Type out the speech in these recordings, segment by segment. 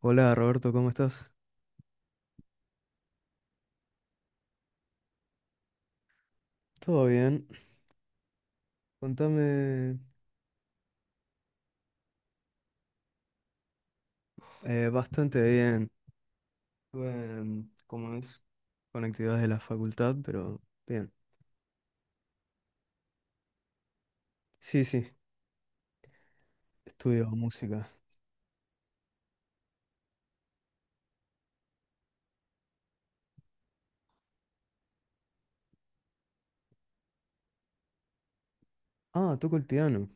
Hola Roberto, ¿cómo estás? ¿Todo bien? Contame. Bastante bien. Estuve en- ¿cómo es? Con actividades de la facultad, pero bien. Sí, sí, estudio música. Ah, toco el piano.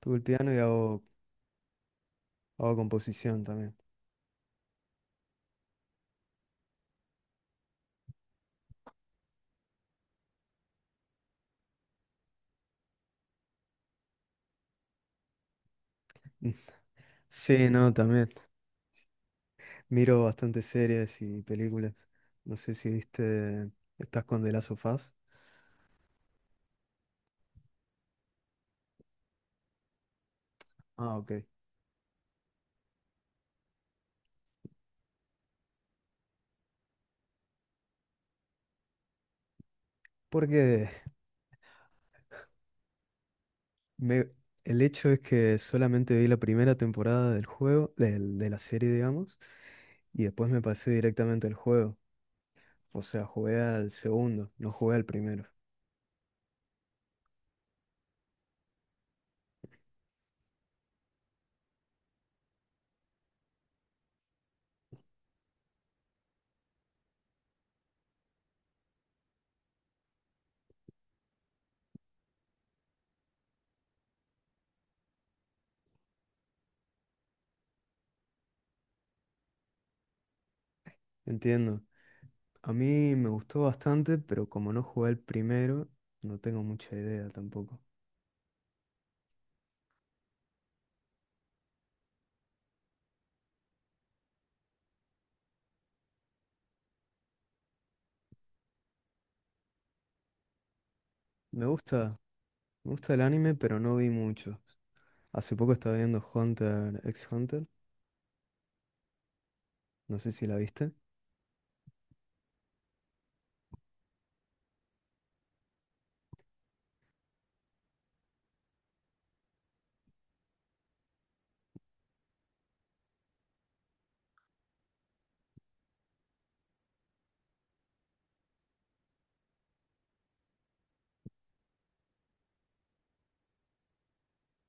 Toco el piano y hago composición también. Mm. Sí, no, también. Miro bastante series y películas. No sé si viste, ¿estás con The Last of Us? Ah, ok. Porque me, el hecho es que solamente vi la primera temporada del juego, del- de la serie, digamos. Y después me pasé directamente al juego. O sea, jugué al segundo, no jugué al primero. Entiendo. A mí me gustó bastante, pero como no jugué al primero, no tengo mucha idea tampoco. Me gusta, Me gusta el anime, pero no vi mucho. Hace poco estaba viendo Hunter x Hunter, no sé si la viste.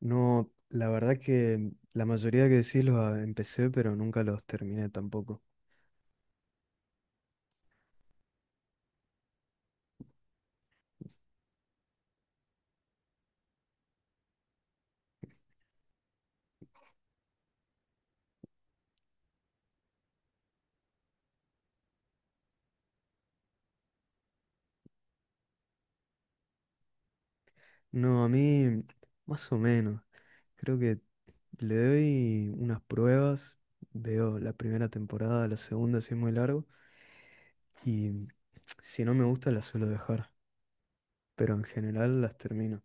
No, la verdad que la mayoría que decís los ah, empecé, pero nunca los terminé tampoco. No, a mí más o menos. Creo que le doy unas pruebas, veo la primera temporada, la segunda si es muy largo, y si no me gusta la suelo dejar, pero en general las termino.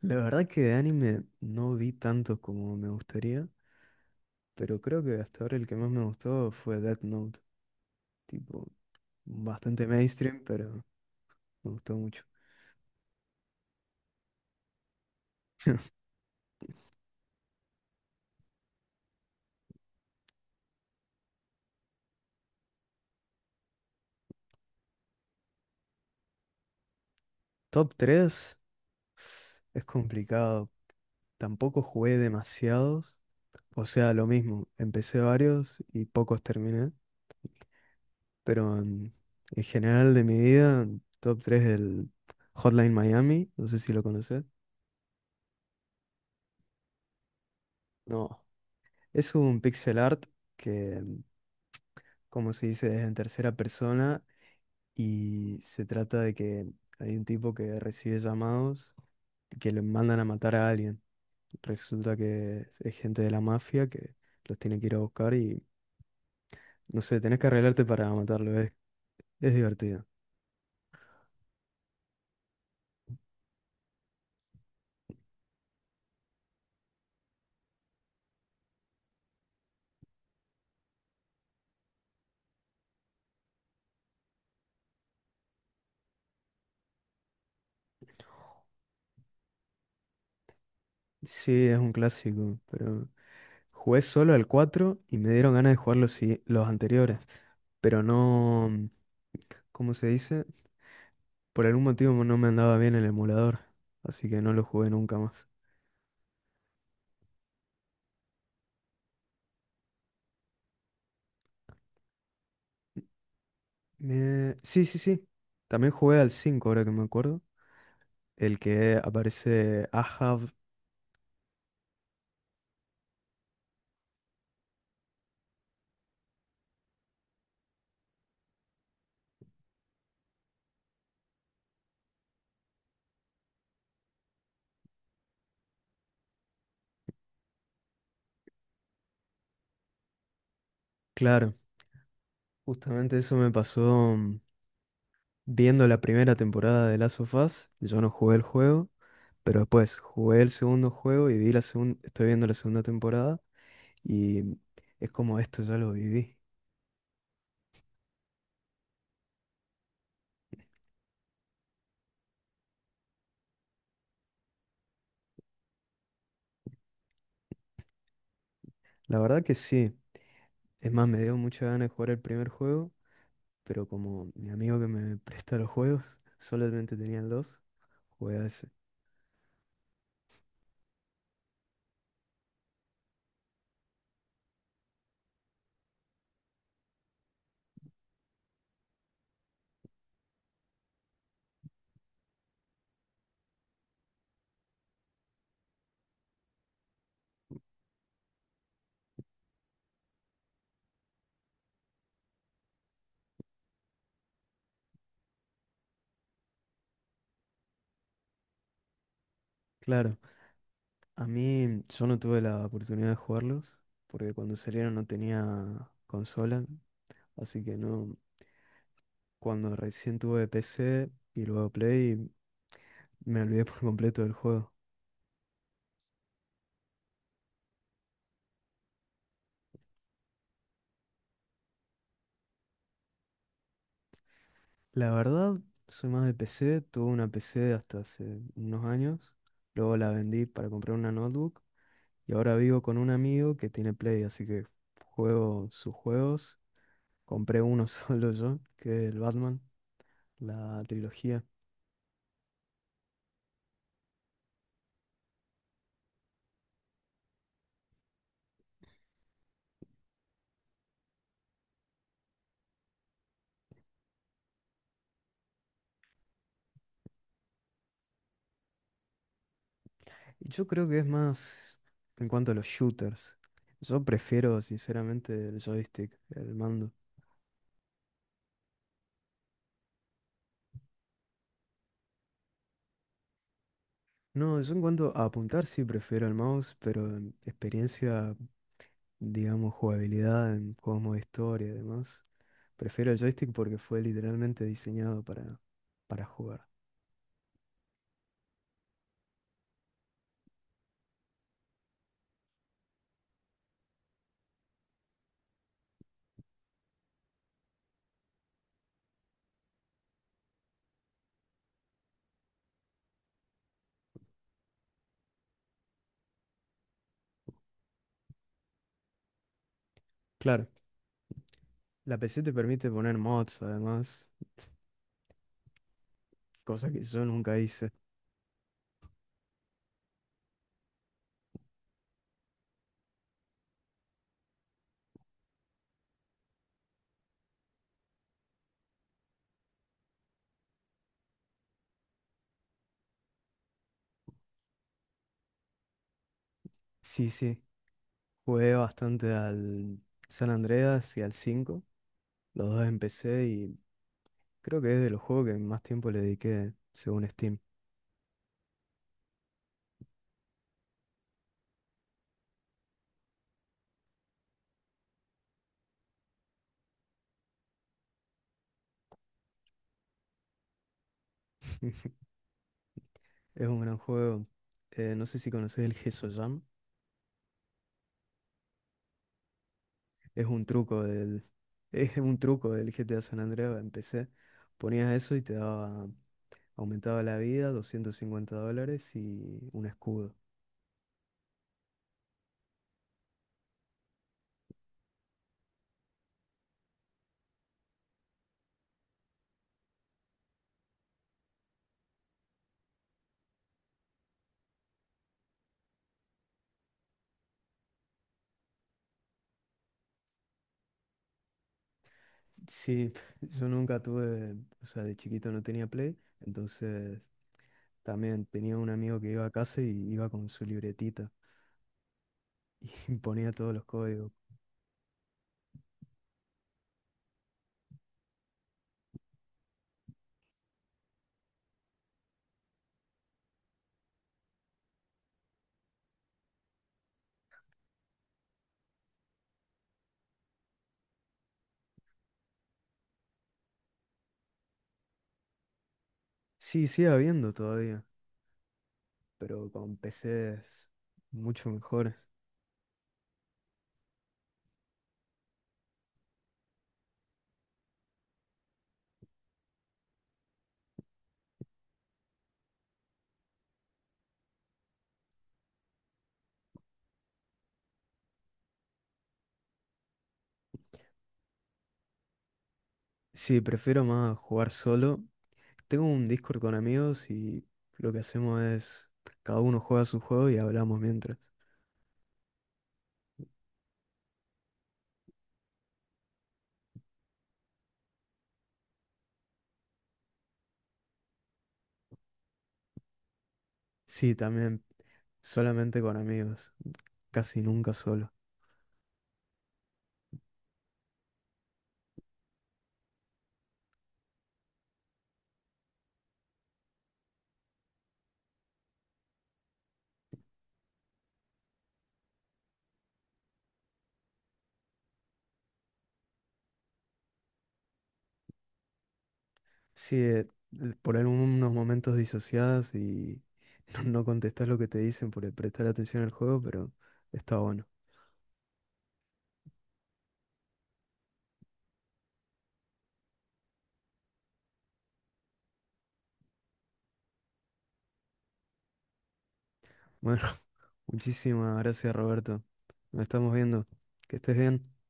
La verdad que de anime no vi tanto como me gustaría, pero creo que hasta ahora el que más me gustó fue Death Note, tipo bastante mainstream, pero me gustó mucho. Top 3 es complicado, tampoco jugué demasiados, o sea, lo mismo, empecé varios y pocos terminé. Pero en general de mi vida, top 3 del Hotline Miami, no sé si lo conoces. No, es un pixel art que, como se dice, es en tercera persona y se trata de que hay un tipo que recibe llamados que le mandan a matar a alguien. Resulta que es gente de la mafia que los tiene que ir a buscar y, no sé, tenés que arreglarte para matarlo, es divertido. Sí, es un clásico, pero jugué solo al 4 y me dieron ganas de jugar los, sigui- los anteriores, pero no, ¿cómo se dice? Por algún motivo no me andaba bien el emulador, así que no lo jugué nunca más. Sí, sí, sí. También jugué al 5, ahora que me acuerdo, el que aparece Ahab. Claro, justamente eso me pasó viendo la primera temporada de Last of Us. Yo no jugué el juego, pero después jugué el segundo juego y vi la segunda, estoy viendo la segunda temporada. Y es como esto ya lo viví. La verdad que sí. Es más, me dio mucha ganas de jugar el primer juego, pero como mi amigo que me presta los juegos solamente tenía el 2, jugué a ese. Claro, a mí yo no tuve la oportunidad de jugarlos, porque cuando salieron no tenía consola, así que no, cuando recién tuve PC y luego Play, me olvidé por completo del juego. La verdad, soy más de PC. Tuve una PC hasta hace unos años. Luego la vendí para comprar una notebook. Y ahora vivo con un amigo que tiene Play, así que juego sus juegos. Compré uno solo yo, que es el Batman, la trilogía. Y yo creo que es más en cuanto a los shooters. Yo prefiero, sinceramente, el joystick, el mando. No, yo en cuanto a apuntar sí prefiero el mouse, pero en experiencia, digamos, jugabilidad en juegos modo historia y demás. Prefiero el joystick porque fue literalmente diseñado para jugar. Claro, la PC te permite poner mods, además, cosa que yo nunca hice. Sí, sí, jugué bastante al San Andreas y al 5 los dos en PC y creo que es de los juegos que más tiempo le dediqué, según Steam. Es un gran juego. No sé si conoces el Gesso Jam. Es un truco del, es un truco del GTA San Andreas en PC. Ponías eso y te daba. Aumentaba la vida, $250 y un escudo. Sí, yo nunca tuve, o sea, de chiquito no tenía Play, entonces también tenía un amigo que iba a casa y iba con su libretita y ponía todos los códigos. Sí, sigue habiendo todavía, pero con PCs mucho mejores. Sí, prefiero más jugar solo. Tengo un Discord con amigos y lo que hacemos es cada uno juega su juego y hablamos mientras. Sí, también solamente con amigos, casi nunca solo. Sí, por algunos momentos disociadas y no, no contestás lo que te dicen por el prestar atención al juego, pero está bueno. Bueno, muchísimas gracias, Roberto. Nos estamos viendo. Que estés bien.